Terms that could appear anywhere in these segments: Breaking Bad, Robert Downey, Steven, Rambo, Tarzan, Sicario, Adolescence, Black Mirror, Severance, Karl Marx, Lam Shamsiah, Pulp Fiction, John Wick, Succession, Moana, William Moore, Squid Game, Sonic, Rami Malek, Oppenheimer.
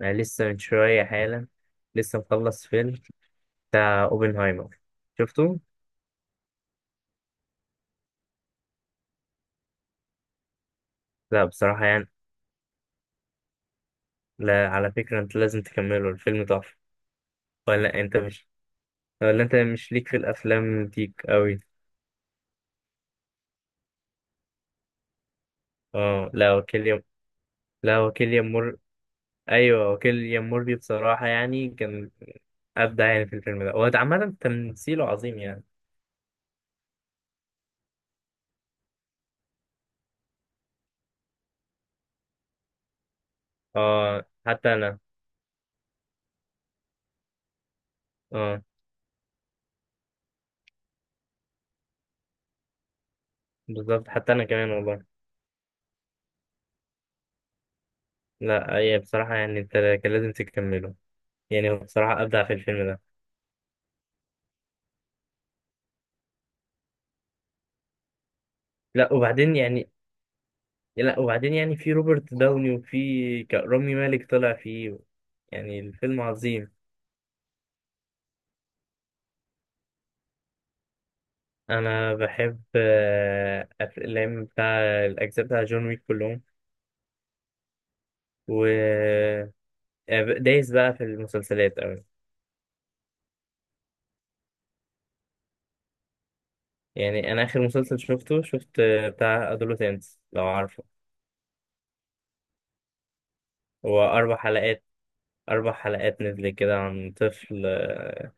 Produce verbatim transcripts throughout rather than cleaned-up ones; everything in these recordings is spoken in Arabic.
انا لسه من شويه حالا، لسه مخلص فيلم بتاع اوبنهايمر. شفته؟ لا بصراحه يعني. لا على فكره، انت لازم تكمله، الفيلم تحفه. ولا انت مش ولا انت مش ليك في الافلام ديك قوي؟ اه. لا وكيليام لا وكيليام مور ايوه، وكيليام موربي بصراحه يعني كان ابدع يعني في الفيلم ده. هو عامه تمثيله عظيم يعني. اه حتى انا. اه بالظبط، حتى انا كمان والله. لا هي بصراحه يعني انت كان لازم تكمله، يعني هو بصراحه ابدع في الفيلم ده. لا وبعدين يعني لا وبعدين يعني في روبرت داوني، وفي ك- رامي مالك طلع فيه. يعني الفيلم عظيم. انا بحب آه، الافلام بتاع الاجزاء بتاع جون ويك كلهم. و آه، دايس بقى في المسلسلات قوي. يعني انا اخر مسلسل شفته شفت آه، بتاع ادولوتنس، لو عارفه. هو اربع حلقات. اربع حلقات نزل كده عن طفل، آه،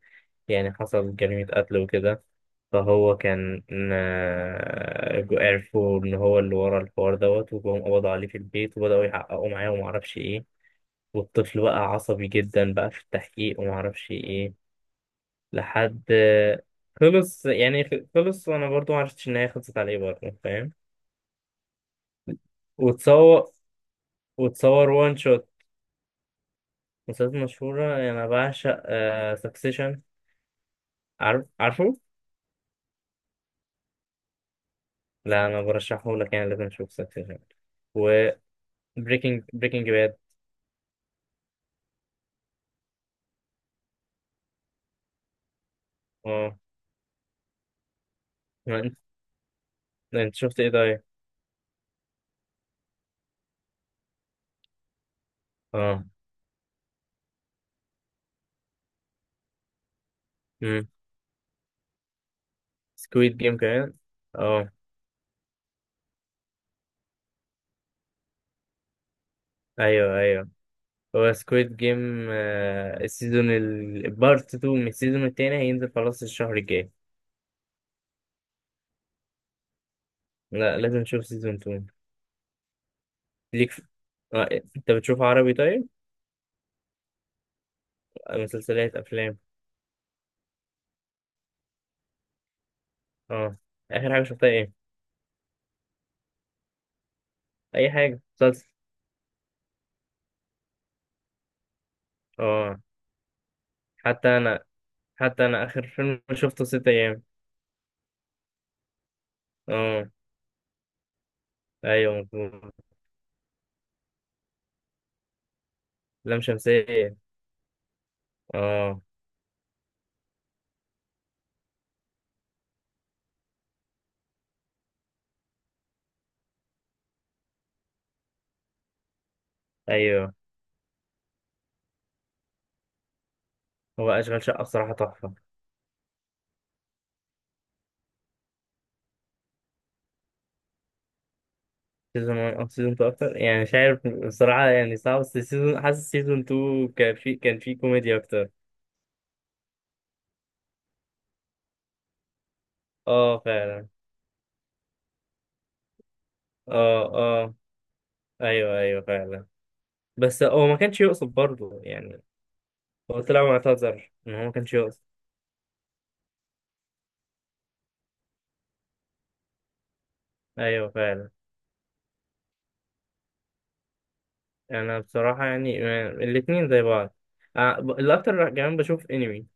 يعني حصل جريمة قتل وكده. فهو كان آه، جو- عرفوا إن هو اللي ورا الحوار دوت، وجم قبضوا عليه في البيت وبدأوا يحققوا معاه ومعرفش إيه. والطفل بقى عصبي جدا بقى في التحقيق، ومعرفش إيه. لحد آه، خلص يعني خ- خلص، وأنا برضو معرفتش إن هي خلصت عليه برضه فاهم. وتصور وتصور وان شوت. مسلسلات مشهورة يعني أنا بعشق سكسيشن. عارف عارفه؟ لا أنا برشحهولك، يعني لازم تشوف سكسيشن. بريكنج بريكنج باد. اه، ما انت انت شفت ايه طيب؟ اه، امم سكويد جيم كمان. اه ايوه ايوه، هو سكويد جيم السيزون البارت اتنين من السيزون التاني هينزل خلاص الشهر الجاي. لا لازم نشوف سيزون اتنين. ليك في... آه. انت بتشوف عربي طيب؟ آه، مسلسلات، افلام؟ اه، اخر حاجه شفتها ايه؟ اي حاجه، مسلسل. اه، حتى انا حتى انا اخر فيلم شفته ست ايام. اه ايوه مظبوط. لام شمسية. اه. ايوه. هو أشغال شقة بصراحة تحفة. سيزون واحد أو سيزون اتنين أكتر، يعني مش عارف بصراحة، يعني صعب. بس سيزون حاسس سيزون اتنين كان في كان في كوميديا أكتر. أه فعلا. أه أه أيوه أيوه فعلا. بس هو ما كانش يقصد برضه يعني. هو طلع معتذر إن هو ما كانش يقصد. أيوه فعلا. أنا بصراحة يعني، ما- الاتنين زي بعض. آه، ب- الأكتر كمان بشوف أنمي.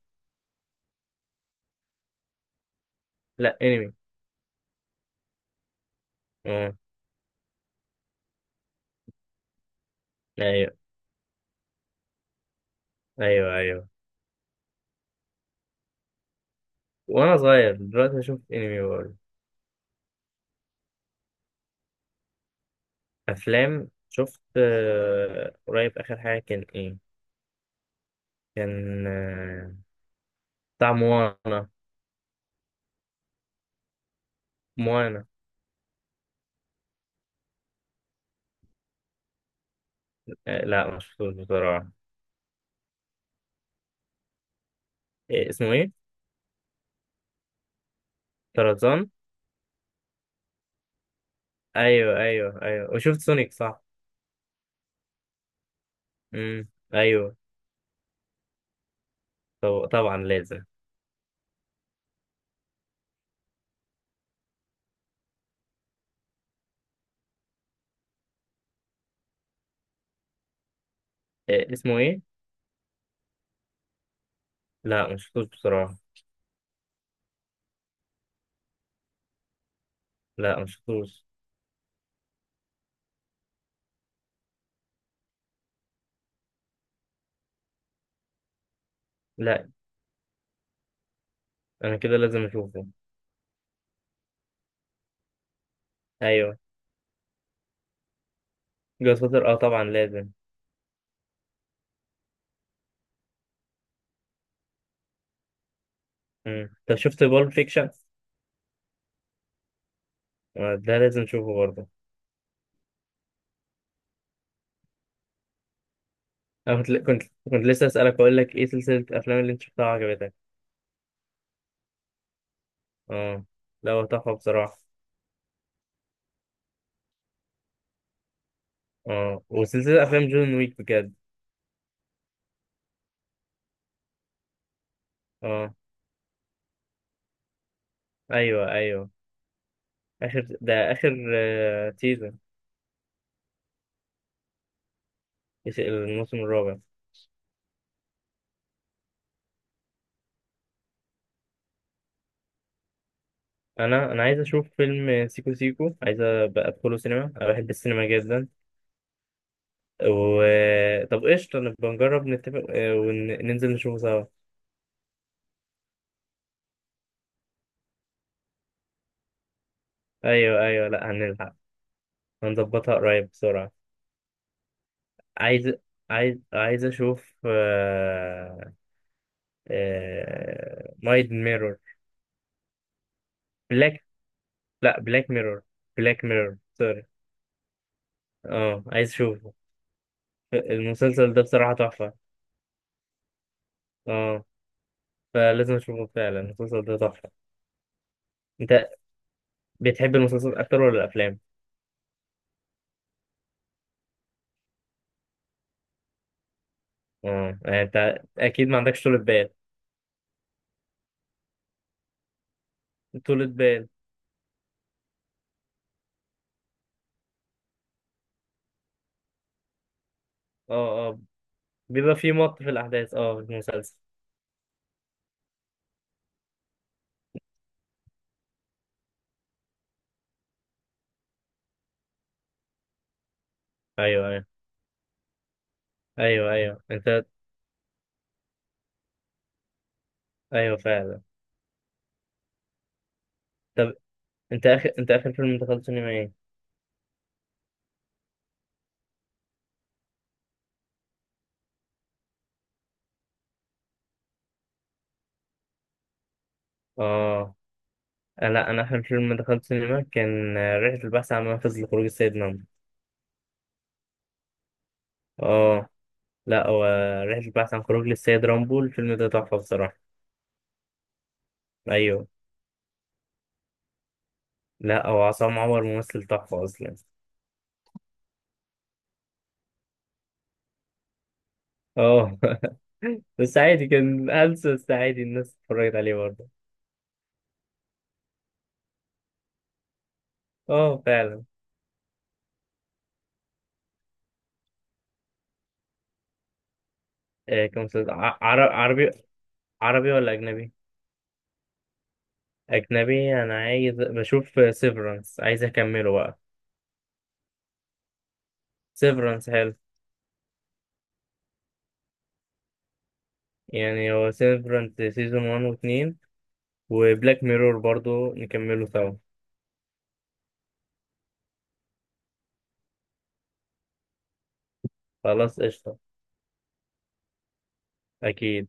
لأ أنمي. أه أيوه أيوه أيوه. وأنا صغير دلوقتي بشوف أنمي برضه. افلام شفت آه، قريب. اخر حاجه كان ايه؟ كان آه، بتاع موانا. موانا. آه، لا ما شفتوش بصراحه. إيه اسمه ايه؟ طرزان. ايوه ايوه ايوه، وشفت سونيك صح؟ امم. ايوه. طب طبعا لازم. إيه اسمه ايه؟ لا ما شفتوش بصراحه. لا ما شفتوش. لا انا كده لازم اشوفه. ايوه. جاد فاتر، اه طبعا لازم. امم طب شفت بول فيكشن؟ ده لازم اشوفه برضه. انا كنت كنت كنت لسه اسالك، اقول لك ايه سلسله الافلام اللي انت شفتها عجبتك. اه. لا هو تحفه بصراحه. اه وسلسله افلام جون ويك بجد. اه ايوه ايوه. اخر ده اخر آه، سيزون، الس- الموسم الرابع. انا انا عايز اشوف فيلم سيكو سيكو، عايز ابقى ادخله سينما، انا بحب السينما جدا. و طب قشطه نبقى نجرب نتفق، آه، وننزل نشوفه سوا. ايوه ايوه، لا هنلحق، هنظبطها قريب بسرعه. عايز عايز عايز اشوف آه، نايت ميرور، بلاك. لا بلاك ميرور. بلاك ميرور سوري. اه عايز اشوفه، المسلسل ده بصراحة تحفة. اه فلازم اشوفه فعلا، المسلسل ده تحفة. انت بتحب المسلسلات اكتر ولا الافلام؟ اه يعني انت اكيد ما عندكش طولة بال. طولة بال. اه اه، بيبقى في مط في الاحداث، اه، في المسلسل. ايوه ايوه ايوه ايوه انت. ايوه فعلا. طب، انت اخر انت اخر فيلم دخلت سينما ايه؟ اه. آه، لا انا اخر فيلم دخلت سينما كان آه، رحلة البحث عن منفذ لخروج السيد رامبو. اه. لا هو رحلة البحث عن خروج للسيد رامبو، الفيلم ده تحفة بصراحة. ايوه. لا هو عصام عمر ممثل تحفة اصلا. اه بس عادي كان هلس، بس عادي الناس اتفرجت عليه برضه. اه فعلا. آه، كان مسلسل ع- عر- عربي. عربي ولا اجنبي؟ اجنبي. انا عايز بشوف سيفرنس، عايز اكمله بقى. سيفرنس حلو. يعني هو سيفرنس سيزون واحد و2، وبلاك ميرور برضو نكمله سوا. خلاص قشطة. أكيد.